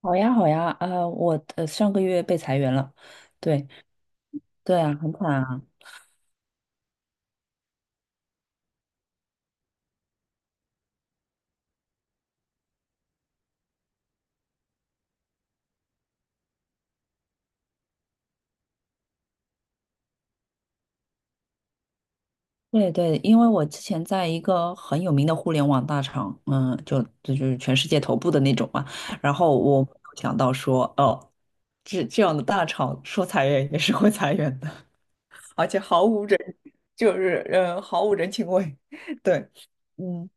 好呀，好呀，我上个月被裁员了。对，对啊，很惨啊。对对，因为我之前在一个很有名的互联网大厂，嗯，就是全世界头部的那种嘛。然后我没有想到说，哦，这样的大厂说裁员也是会裁员的，而且毫无人，就是毫无人情味，对，嗯。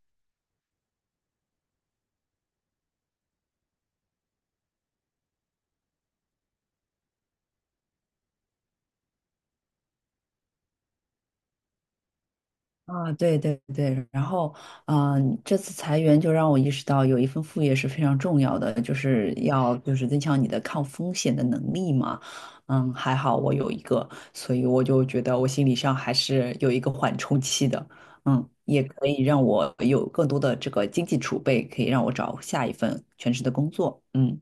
啊，对对对，然后，这次裁员就让我意识到，有一份副业是非常重要的，就是要增强你的抗风险的能力嘛。嗯，还好我有一个，所以我就觉得我心理上还是有一个缓冲期的。嗯，也可以让我有更多的这个经济储备，可以让我找下一份全职的工作。嗯。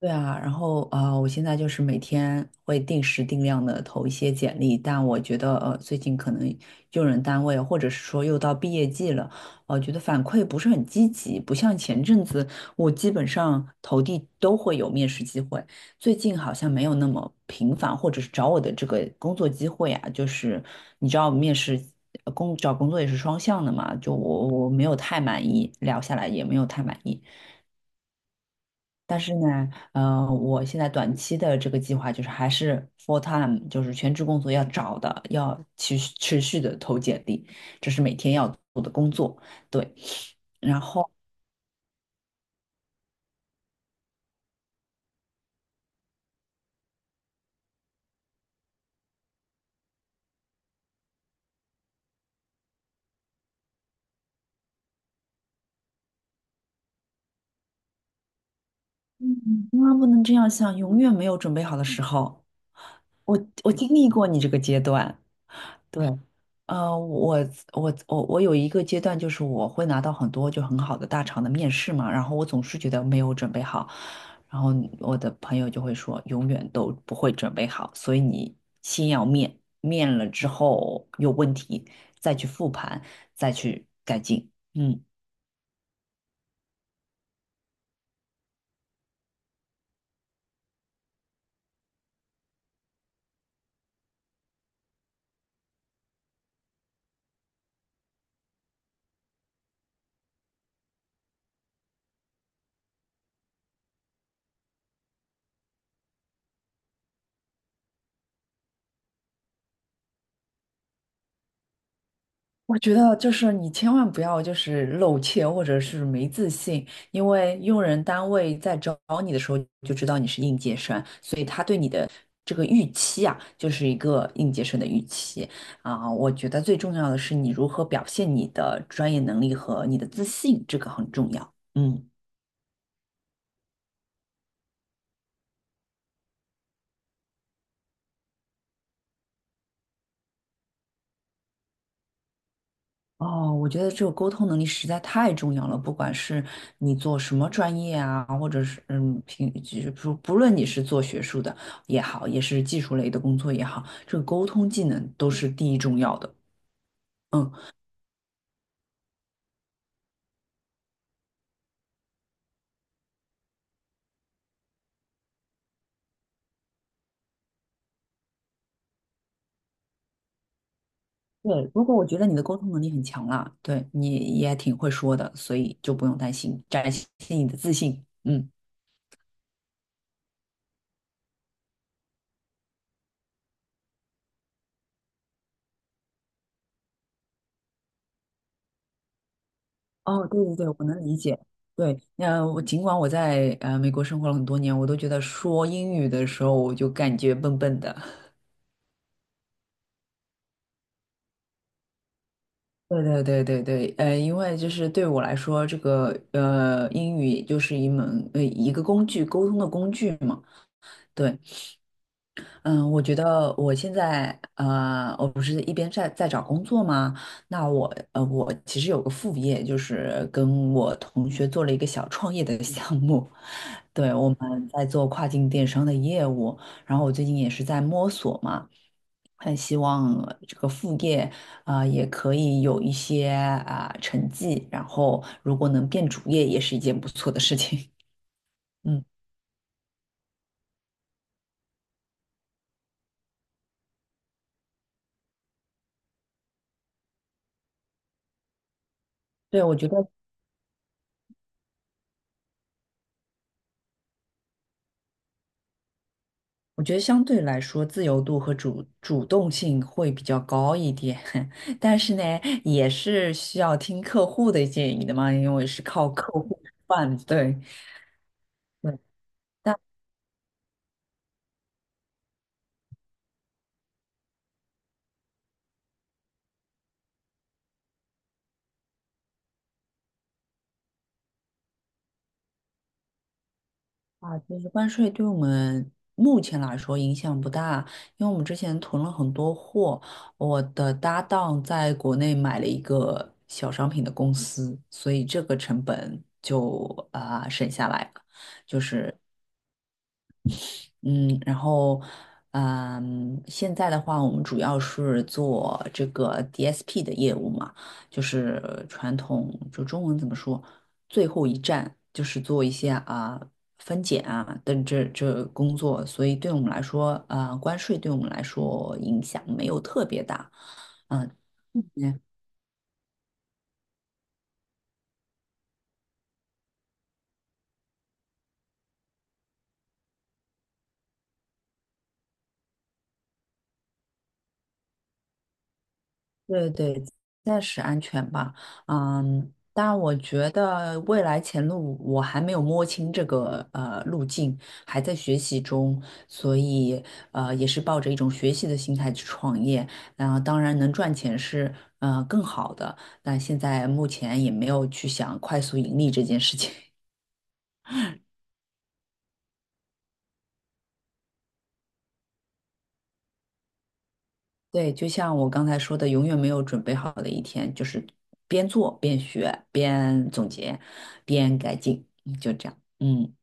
对啊，然后啊，我现在就是每天会定时定量的投一些简历。但我觉得最近可能用人单位或者是说又到毕业季了，我觉得反馈不是很积极，不像前阵子我基本上投递都会有面试机会。最近好像没有那么频繁，或者是找我的这个工作机会啊，就是你知道面试呃工找工作也是双向的嘛，就我没有太满意，聊下来也没有太满意。但是呢，我现在短期的这个计划就是还是 full time，就是全职工作要找的，要持续的投简历，这是每天要做的工作。对，然后嗯，千万不能这样想，永远没有准备好的时候。我经历过你这个阶段。对，呃，我我有一个阶段，就是我会拿到很多就很好的大厂的面试嘛，然后我总是觉得没有准备好。然后我的朋友就会说，永远都不会准备好，所以你先要面，面了之后有问题再去复盘，再去改进。嗯。我觉得就是你千万不要就是露怯或者是没自信，因为用人单位在招你的时候就知道你是应届生，所以他对你的这个预期啊，就是一个应届生的预期啊。我觉得最重要的是你如何表现你的专业能力和你的自信，这个很重要。嗯。哦，我觉得这个沟通能力实在太重要了，不管是你做什么专业啊，或者是嗯，平就是不不论你是做学术的也好，也是技术类的工作也好，这个沟通技能都是第一重要的。嗯，对。如果我觉得你的沟通能力很强啦，对你也挺会说的，所以就不用担心，展现你的自信。嗯，哦，对对对，我能理解。对，那我尽管我在美国生活了很多年，我都觉得说英语的时候我就感觉笨笨的。对对对对对，因为就是对我来说，这个英语就是一门一个工具，沟通的工具嘛。对，嗯。我觉得我现在我不是一边在找工作吗？那我我其实有个副业，就是跟我同学做了一个小创业的项目。对，我们在做跨境电商的业务，然后我最近也是在摸索嘛，很希望这个副业啊，也可以有一些啊，成绩，然后如果能变主业，也是一件不错的事情。嗯，对，我觉得。我觉得相对来说，自由度和主动性会比较高一点，但是呢，也是需要听客户的建议的嘛，因为是靠客户吃饭，对对。但其实关税对我们目前来说影响不大，因为我们之前囤了很多货，我的搭档在国内买了一个小商品的公司，所以这个成本就省下来了。就是。嗯，然后，嗯，现在的话，我们主要是做这个 DSP 的业务嘛，就是传统，就中文怎么说，最后一站就是做一些分拣啊等这工作。所以对我们来说，关税对我们来说影响没有特别大，嗯、对对，暂时安全吧。嗯，但我觉得未来前路我还没有摸清这个路径，还在学习中，所以也是抱着一种学习的心态去创业。然后当然能赚钱是更好的，但现在目前也没有去想快速盈利这件事情。对，就像我刚才说的，永远没有准备好的一天，就是边做边学边总结边改进，嗯就这样。嗯。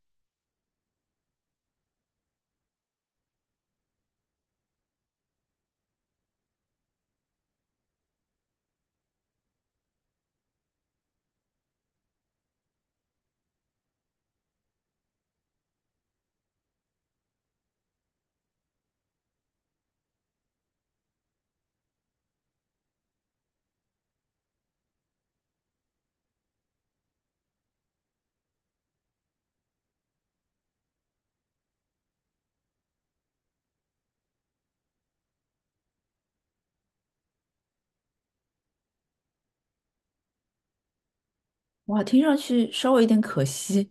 哇，听上去稍微有点可惜，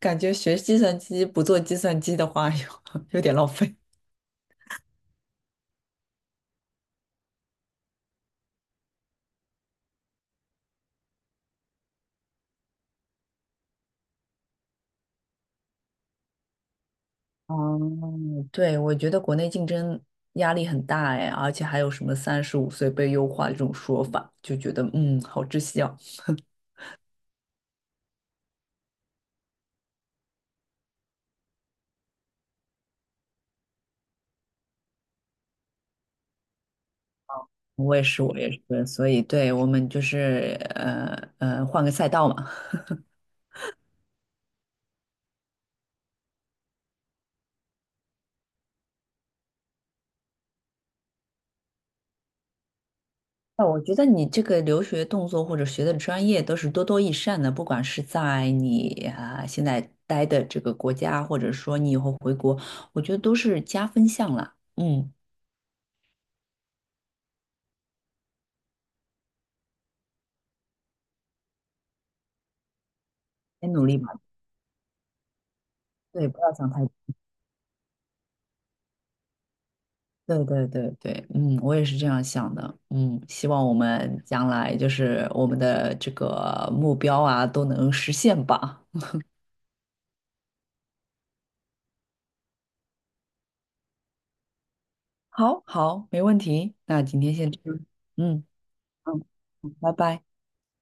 感觉学计算机不做计算机的话，有点浪费。嗯，对，我觉得国内竞争压力很大哎，而且还有什么35岁被优化这种说法，就觉得好窒息啊。我也是，我也是，所以对我们就是换个赛道嘛。哦，我觉得你这个留学动作或者学的专业都是多多益善的，不管是在你啊现在待的这个国家，或者说你以后回国，我觉得都是加分项啦。嗯，先努力吧，对，不要想太多。对对对对，嗯，我也是这样想的。嗯，希望我们将来就是我们的这个目标啊都能实现吧。好，好，没问题。那今天先这样。嗯嗯，好拜拜。